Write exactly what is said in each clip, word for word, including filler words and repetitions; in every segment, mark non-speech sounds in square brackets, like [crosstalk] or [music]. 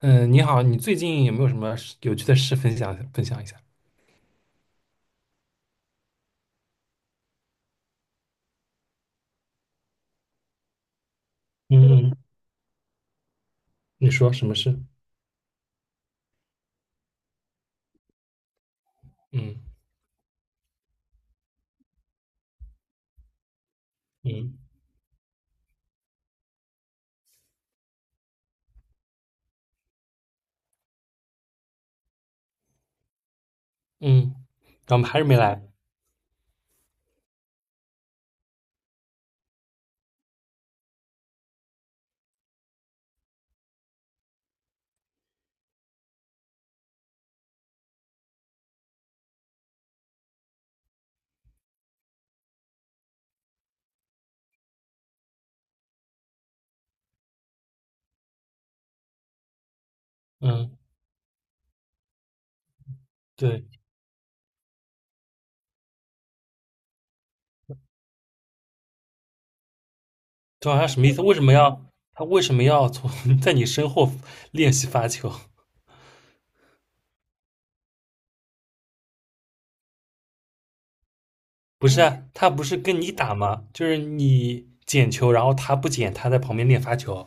嗯，你好，你最近有没有什么事有趣的事分享分享一下？嗯嗯，你说什么事？嗯嗯嗯，咱们还是没来。嗯，对，这好像什么意思？为什么要他为什么要从 [laughs] 在你身后练习发球？不是啊，他不是跟你打吗？就是你捡球，然后他不捡，他在旁边练发球。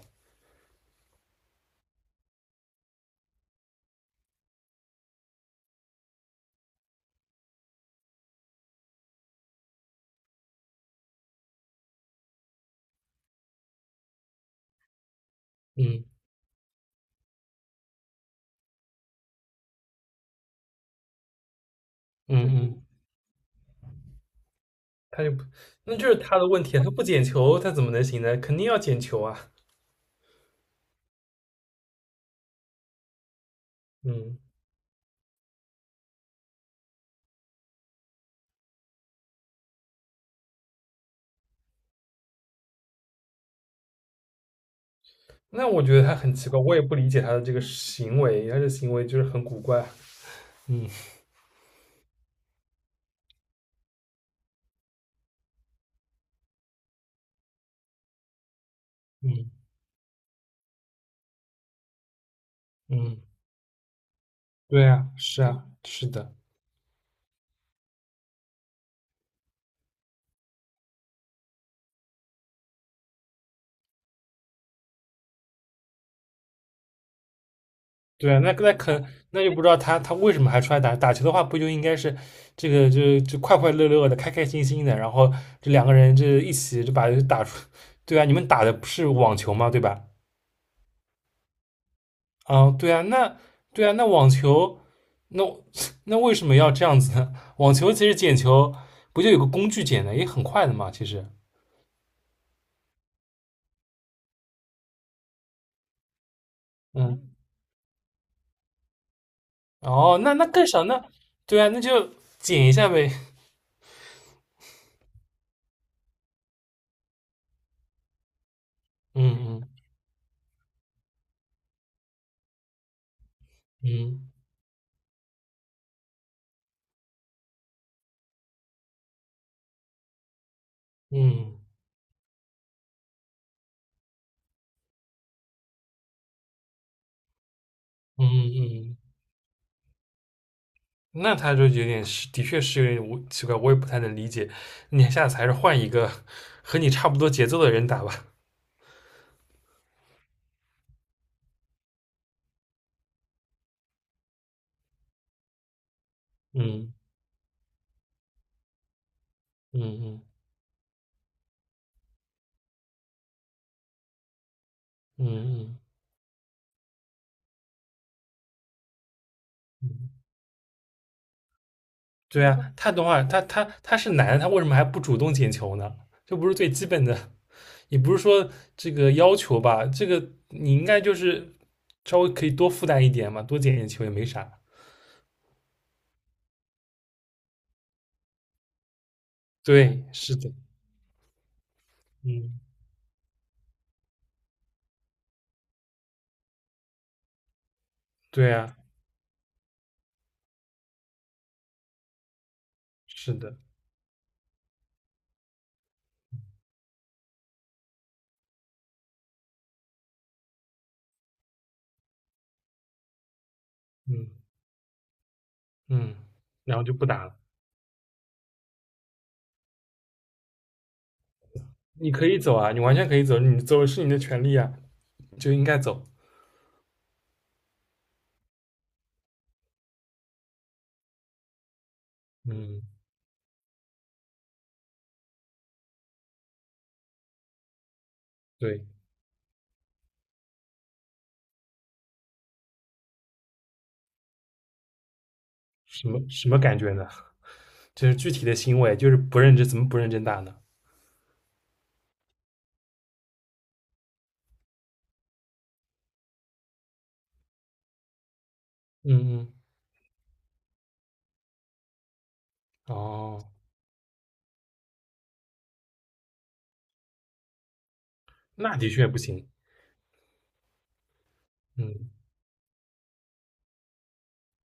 嗯嗯嗯，他就不，那就是他的问题啊，他不捡球，他怎么能行呢？肯定要捡球啊。嗯。那我觉得他很奇怪，我也不理解他的这个行为，他的行为就是很古怪。嗯嗯嗯，对啊，是啊，是的，对啊，那那可那就不知道他他为什么还出来打打球的话，不就应该是这个就就快快乐乐的、开开心心的，然后这两个人这一起就把打出，[laughs] 对啊，你们打的不是网球吗？对吧？啊，对啊，那对啊，那网球，那 [laughs] 那为什么要这样子呢？网球其实捡球不就有个工具捡的，也很快的嘛，其实，嗯。哦，那那更少，那对啊，那就减一下呗。嗯嗯嗯嗯嗯嗯，嗯，那他就有点是，的确是有点无奇怪，我也不太能理解。你下次还是换一个和你差不多节奏的人打吧。嗯嗯嗯嗯嗯，对啊，他的话，他他他是男的，他为什么还不主动捡球呢？这不是最基本的，也不是说这个要求吧，这个你应该就是稍微可以多负担一点嘛，多捡点球也没啥。对，是的。嗯，对啊，是的，嗯嗯，然后就不打了。你可以走啊，你完全可以走，你走是你的权利啊，就应该走。嗯，对，什么什么感觉呢？就是具体的行为，就是不认真，怎么不认真打呢？嗯嗯，哦，那的确不行。嗯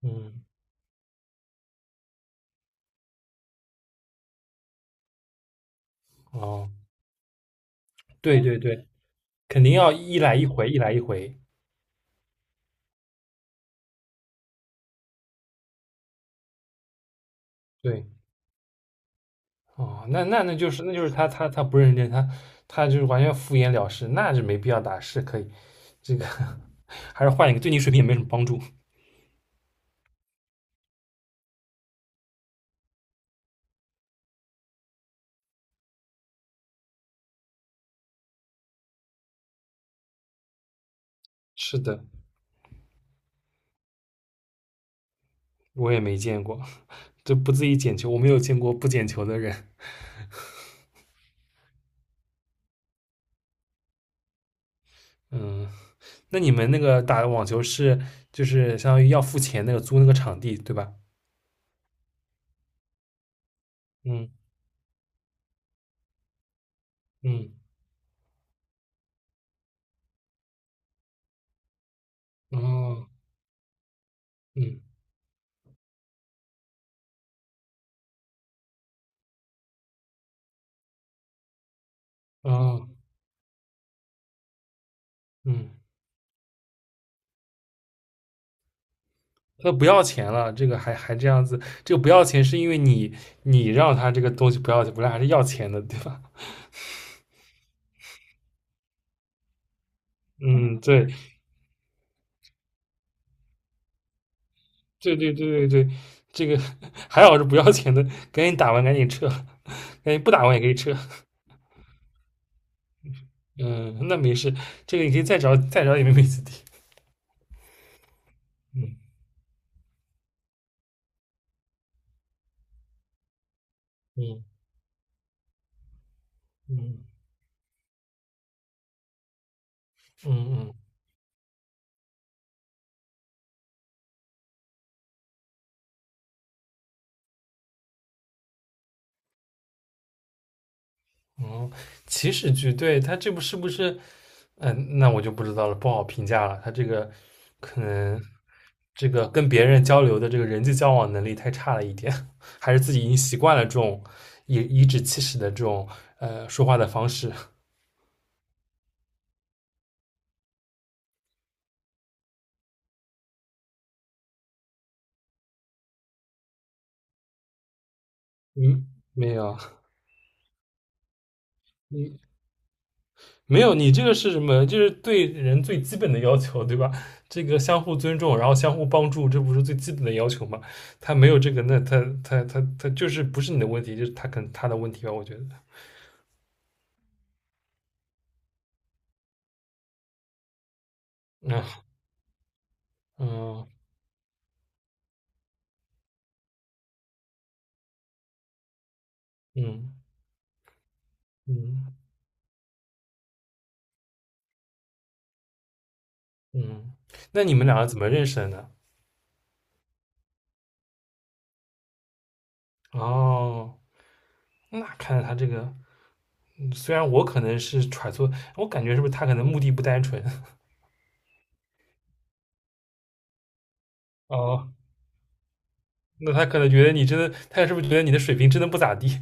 嗯，哦，对对对，肯定要一来一回，一来一回。对，哦，那那那就是那就是他他他不认真，他他就是完全敷衍了事，那就没必要打，是可以这个还是换一个，对你水平也没什么帮助。是的，我也没见过，就不自己捡球，我没有见过不捡球的人。嗯，那你们那个打网球是就是相当于要付钱那个租那个场地对吧？嗯嗯哦嗯哦嗯，那不要钱了，这个还还这样子，这个不要钱是因为你你让他这个东西不要不本来还是要钱的对吧？嗯，对，对对对对对，这个 [laughs] 还好是不要钱的，赶紧打完赶紧撤，[laughs] 赶紧不打完也可以撤。嗯，那没事，这个你可以再找再找也没没问题。嗯嗯嗯嗯嗯，哦，起始句，对，他这部是不是？嗯，那我就不知道了，不好评价了。他这个可能这个跟别人交流的这个人际交往能力太差了一点，[laughs] 还是自己已经习惯了这种以颐指气使的这种呃说话的方式。嗯，没有。嗯没有，你这个是什么？就是对人最基本的要求，对吧？这个相互尊重，然后相互帮助，这不是最基本的要求吗？他没有这个，那他他他他就是不是你的问题，就是他可能他的问题吧，我觉得。嗯嗯嗯嗯嗯，那你们两个怎么认识的呢？哦，那看来他这个，嗯虽然我可能是揣测，我感觉是不是他可能目的不单纯？[laughs] 哦，那他可能觉得你真的，他是不是觉得你的水平真的不咋地？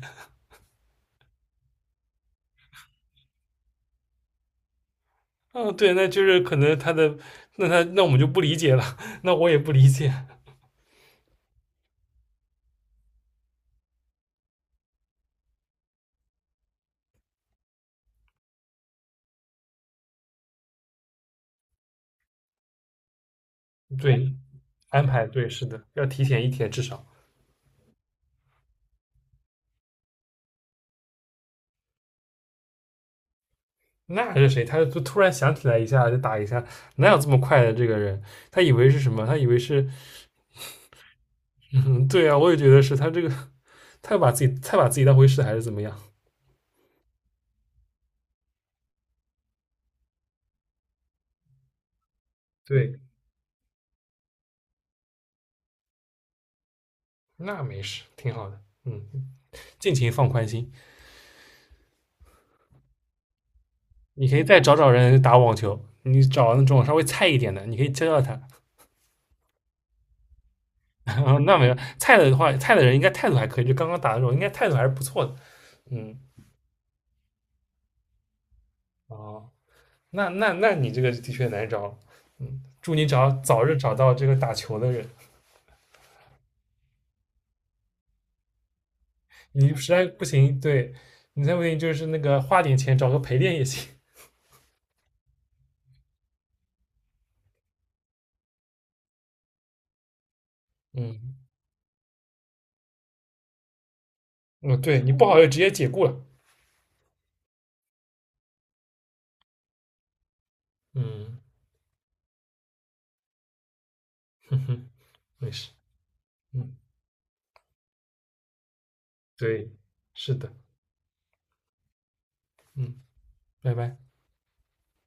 嗯，对，那就是可能他的，那他那我们就不理解了，[laughs] 那我也不理解。对，安排对，是的，要提前一天至少。那还是谁？他就突然想起来一下，就打一下，哪有这么快的这个人？他以为是什么？他以为是，嗯，对啊，我也觉得是他这个，太把自己太把自己当回事，还是怎么样？对，那没事，挺好的。嗯，尽情放宽心。你可以再找找人打网球，你找那种稍微菜一点的，你可以教教他。[laughs] 哦，那没有菜的话，菜的人应该态度还可以，就刚刚打的时候，应该态度还是不错的。嗯，哦，那那那你这个的确难找了。嗯，祝你找早日找到这个打球的人。你实在不行，对你再不行就是那个花点钱找个陪练也行。嗯，嗯，对你不好就直接解雇了。嗯，[laughs] 嗯哼没事。嗯，对，是的。嗯，拜拜。